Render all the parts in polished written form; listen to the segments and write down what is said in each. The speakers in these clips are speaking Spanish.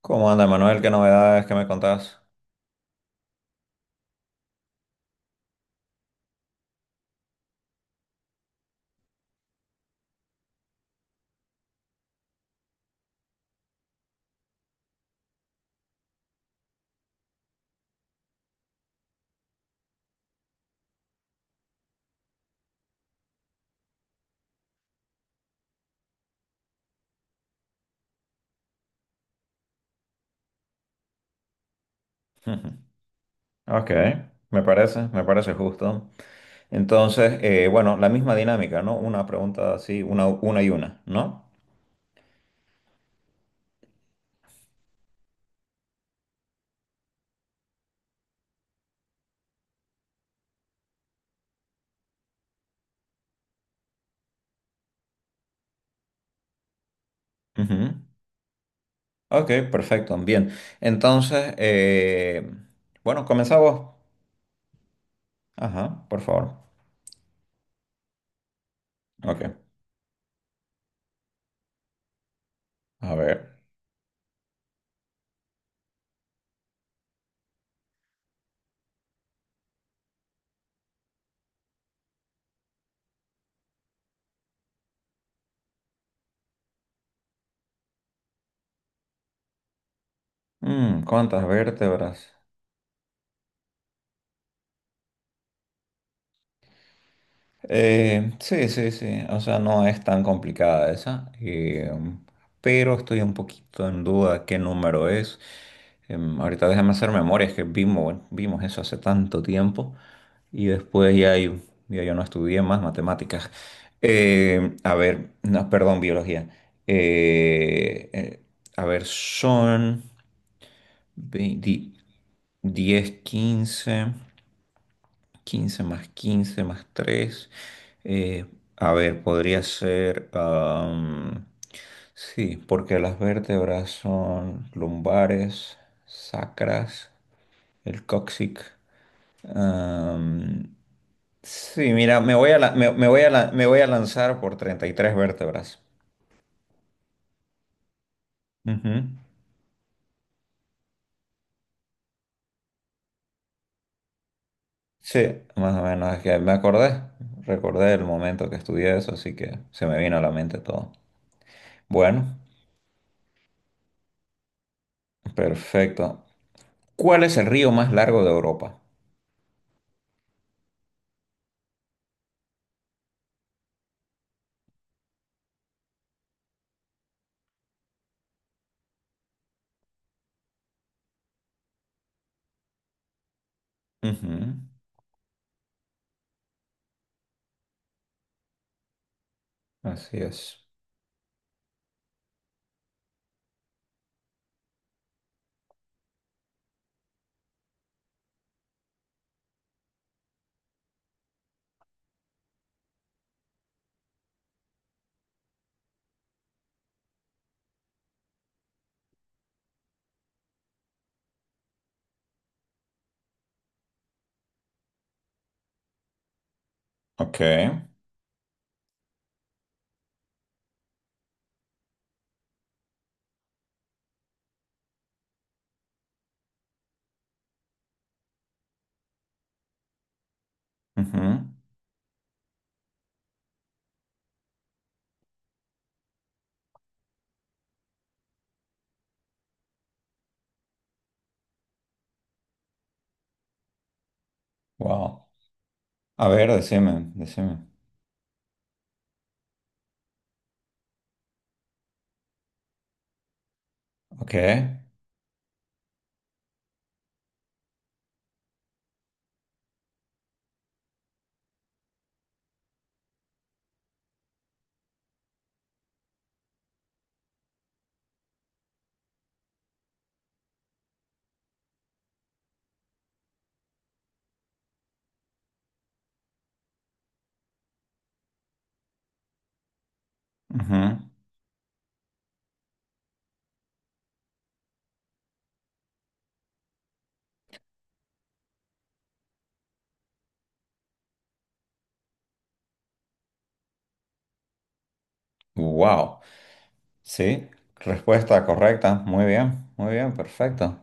¿Cómo anda, Manuel? ¿Qué novedades que me contás? Ok, me parece justo. Entonces, bueno, la misma dinámica, ¿no? Una pregunta así, una y una, ¿no? Ujú. Ok, perfecto, bien. Entonces, bueno, comenzamos. Ajá, por favor. Ok, a ver. ¿Cuántas vértebras? Sí, sí, sí. O sea, no es tan complicada esa. Pero estoy un poquito en duda qué número es. Ahorita déjame hacer memoria, es que vimos eso hace tanto tiempo. Y después ya yo no estudié más matemáticas. A ver, no, perdón, biología. Eh, eh, a ver, son 20, 10, quince, más 15 más tres, eh, a ver, podría ser... sí, porque las vértebras son lumbares, sacras, el cóccix. am, sí, mira, me voy a lanzar por 33 vértebras. Ujú. Sí, más o menos, es que recordé el momento que estudié eso, así que se me vino a la mente todo. Bueno, perfecto. ¿Cuál es el río más largo de Europa? Ujú. Así es. Ok. Ujú. Wow. A ver, decime, decime. Ok. Ujú. Wow. Sí. Respuesta correcta. Muy bien. Muy bien. Perfecto.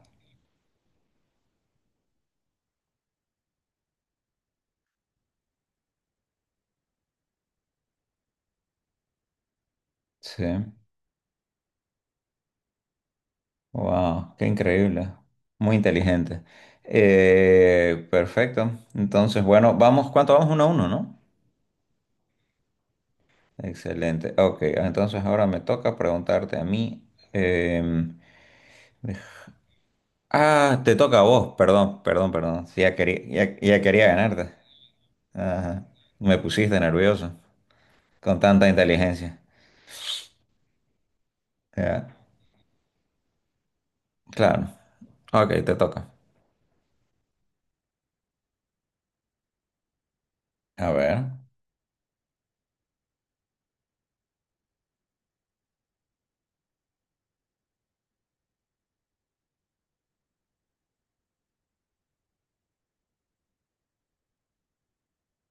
Sí. Wow. Qué increíble. Muy inteligente. Perfecto. Entonces, bueno, vamos. ¿Cuánto vamos? 1-1, ¿no? Excelente. Ok. Entonces ahora me toca preguntarte a mí. Eh, Ah, te toca a vos, perdón, perdón, perdón. Sí, ya quería ganarte. Ajá. Me pusiste nervioso con tanta inteligencia. Ya, claro. Ok, te toca. A ver.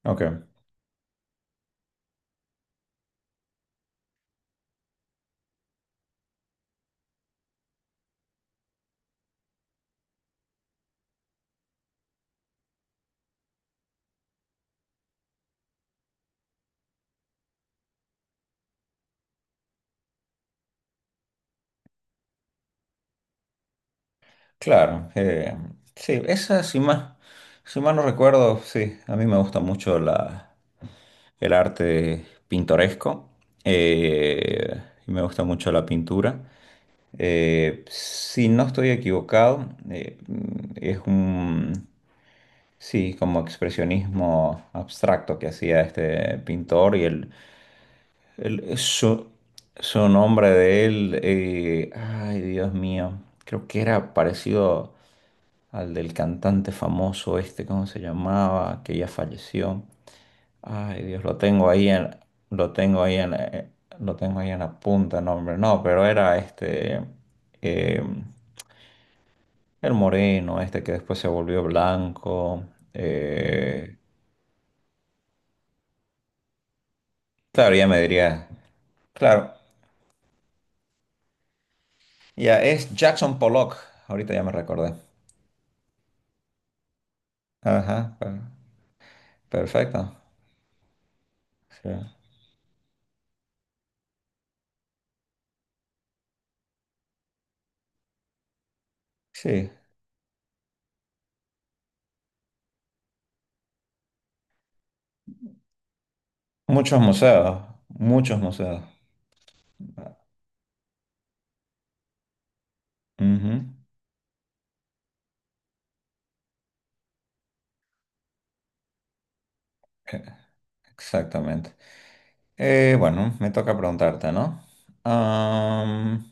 Ok. Claro. Sí, esa, si mal no recuerdo, sí, a mí me gusta mucho el arte pintoresco. eh, y me gusta mucho la pintura. Si no estoy equivocado, es un... Sí, como expresionismo abstracto que hacía este pintor y el- su, su nombre de él, ay Dios mío, creo que era parecido al del cantante famoso este. ¿Cómo se llamaba? Que ya falleció. Ay Dios, lo tengo ahí en, eh, lo tengo ahí en la punta, el nombre, no, pero era este, eh, el moreno, este que después se volvió blanco. eh, Claro, ya me diría. Claro, ya es Jackson Pollock. Ahorita ya me recordé. Ajá, perfecto. Sí. Sí, muchos museos, muchos museos. Ujú. Exactamente. Bueno, me toca preguntarte, ¿no? Am,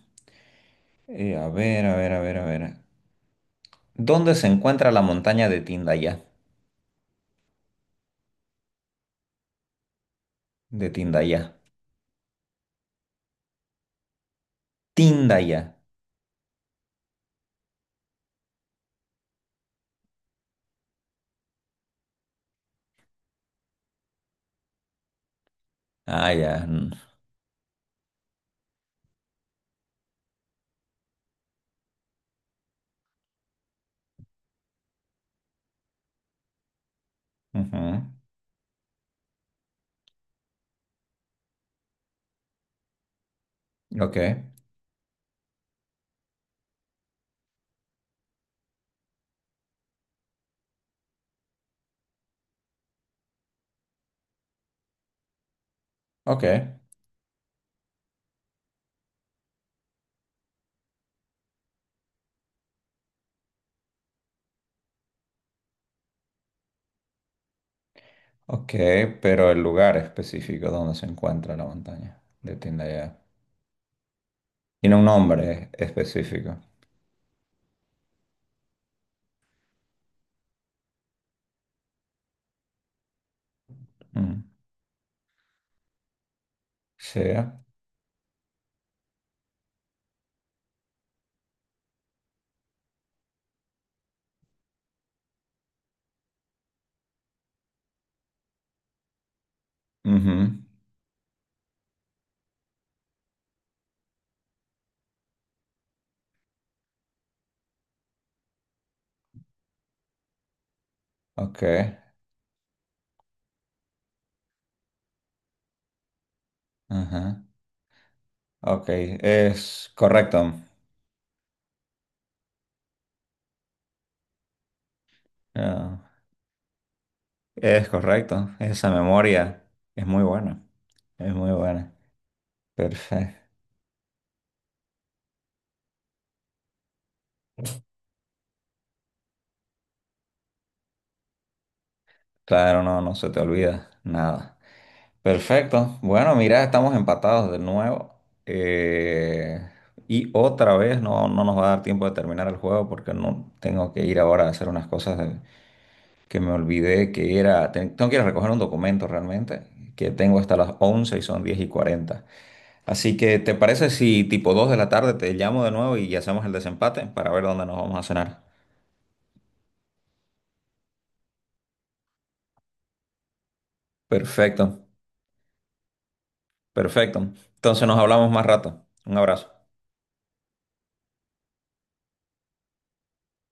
a ver, a ver, a ver, a ver. ¿Dónde se encuentra la montaña de Tindaya? De Tindaya. Tindaya. Ah, ya. Mm. Ujú. Ok, ok. Ok, pero el lugar específico donde se encuentra la montaña de Tindaya. Tiene un nombre específico. Mm. Sí. Ujú. Ok. Ajá. Ok. Es correcto. Ah, es correcto. Esa memoria es muy buena. Es muy buena. Perfecto. Claro, no, no se te olvida nada. Perfecto. Bueno, mira, estamos empatados de nuevo. Eh, y otra vez no nos va a dar tiempo de terminar el juego porque no tengo que ir ahora a hacer unas cosas que me olvidé que era. Tengo que ir a recoger un documento realmente que tengo hasta las 11 y son 10:40. Así que, ¿te parece si tipo 2 de la tarde te llamo de nuevo y hacemos el desempate para ver dónde nos vamos a cenar? Perfecto, perfecto. Entonces nos hablamos más rato. Un abrazo.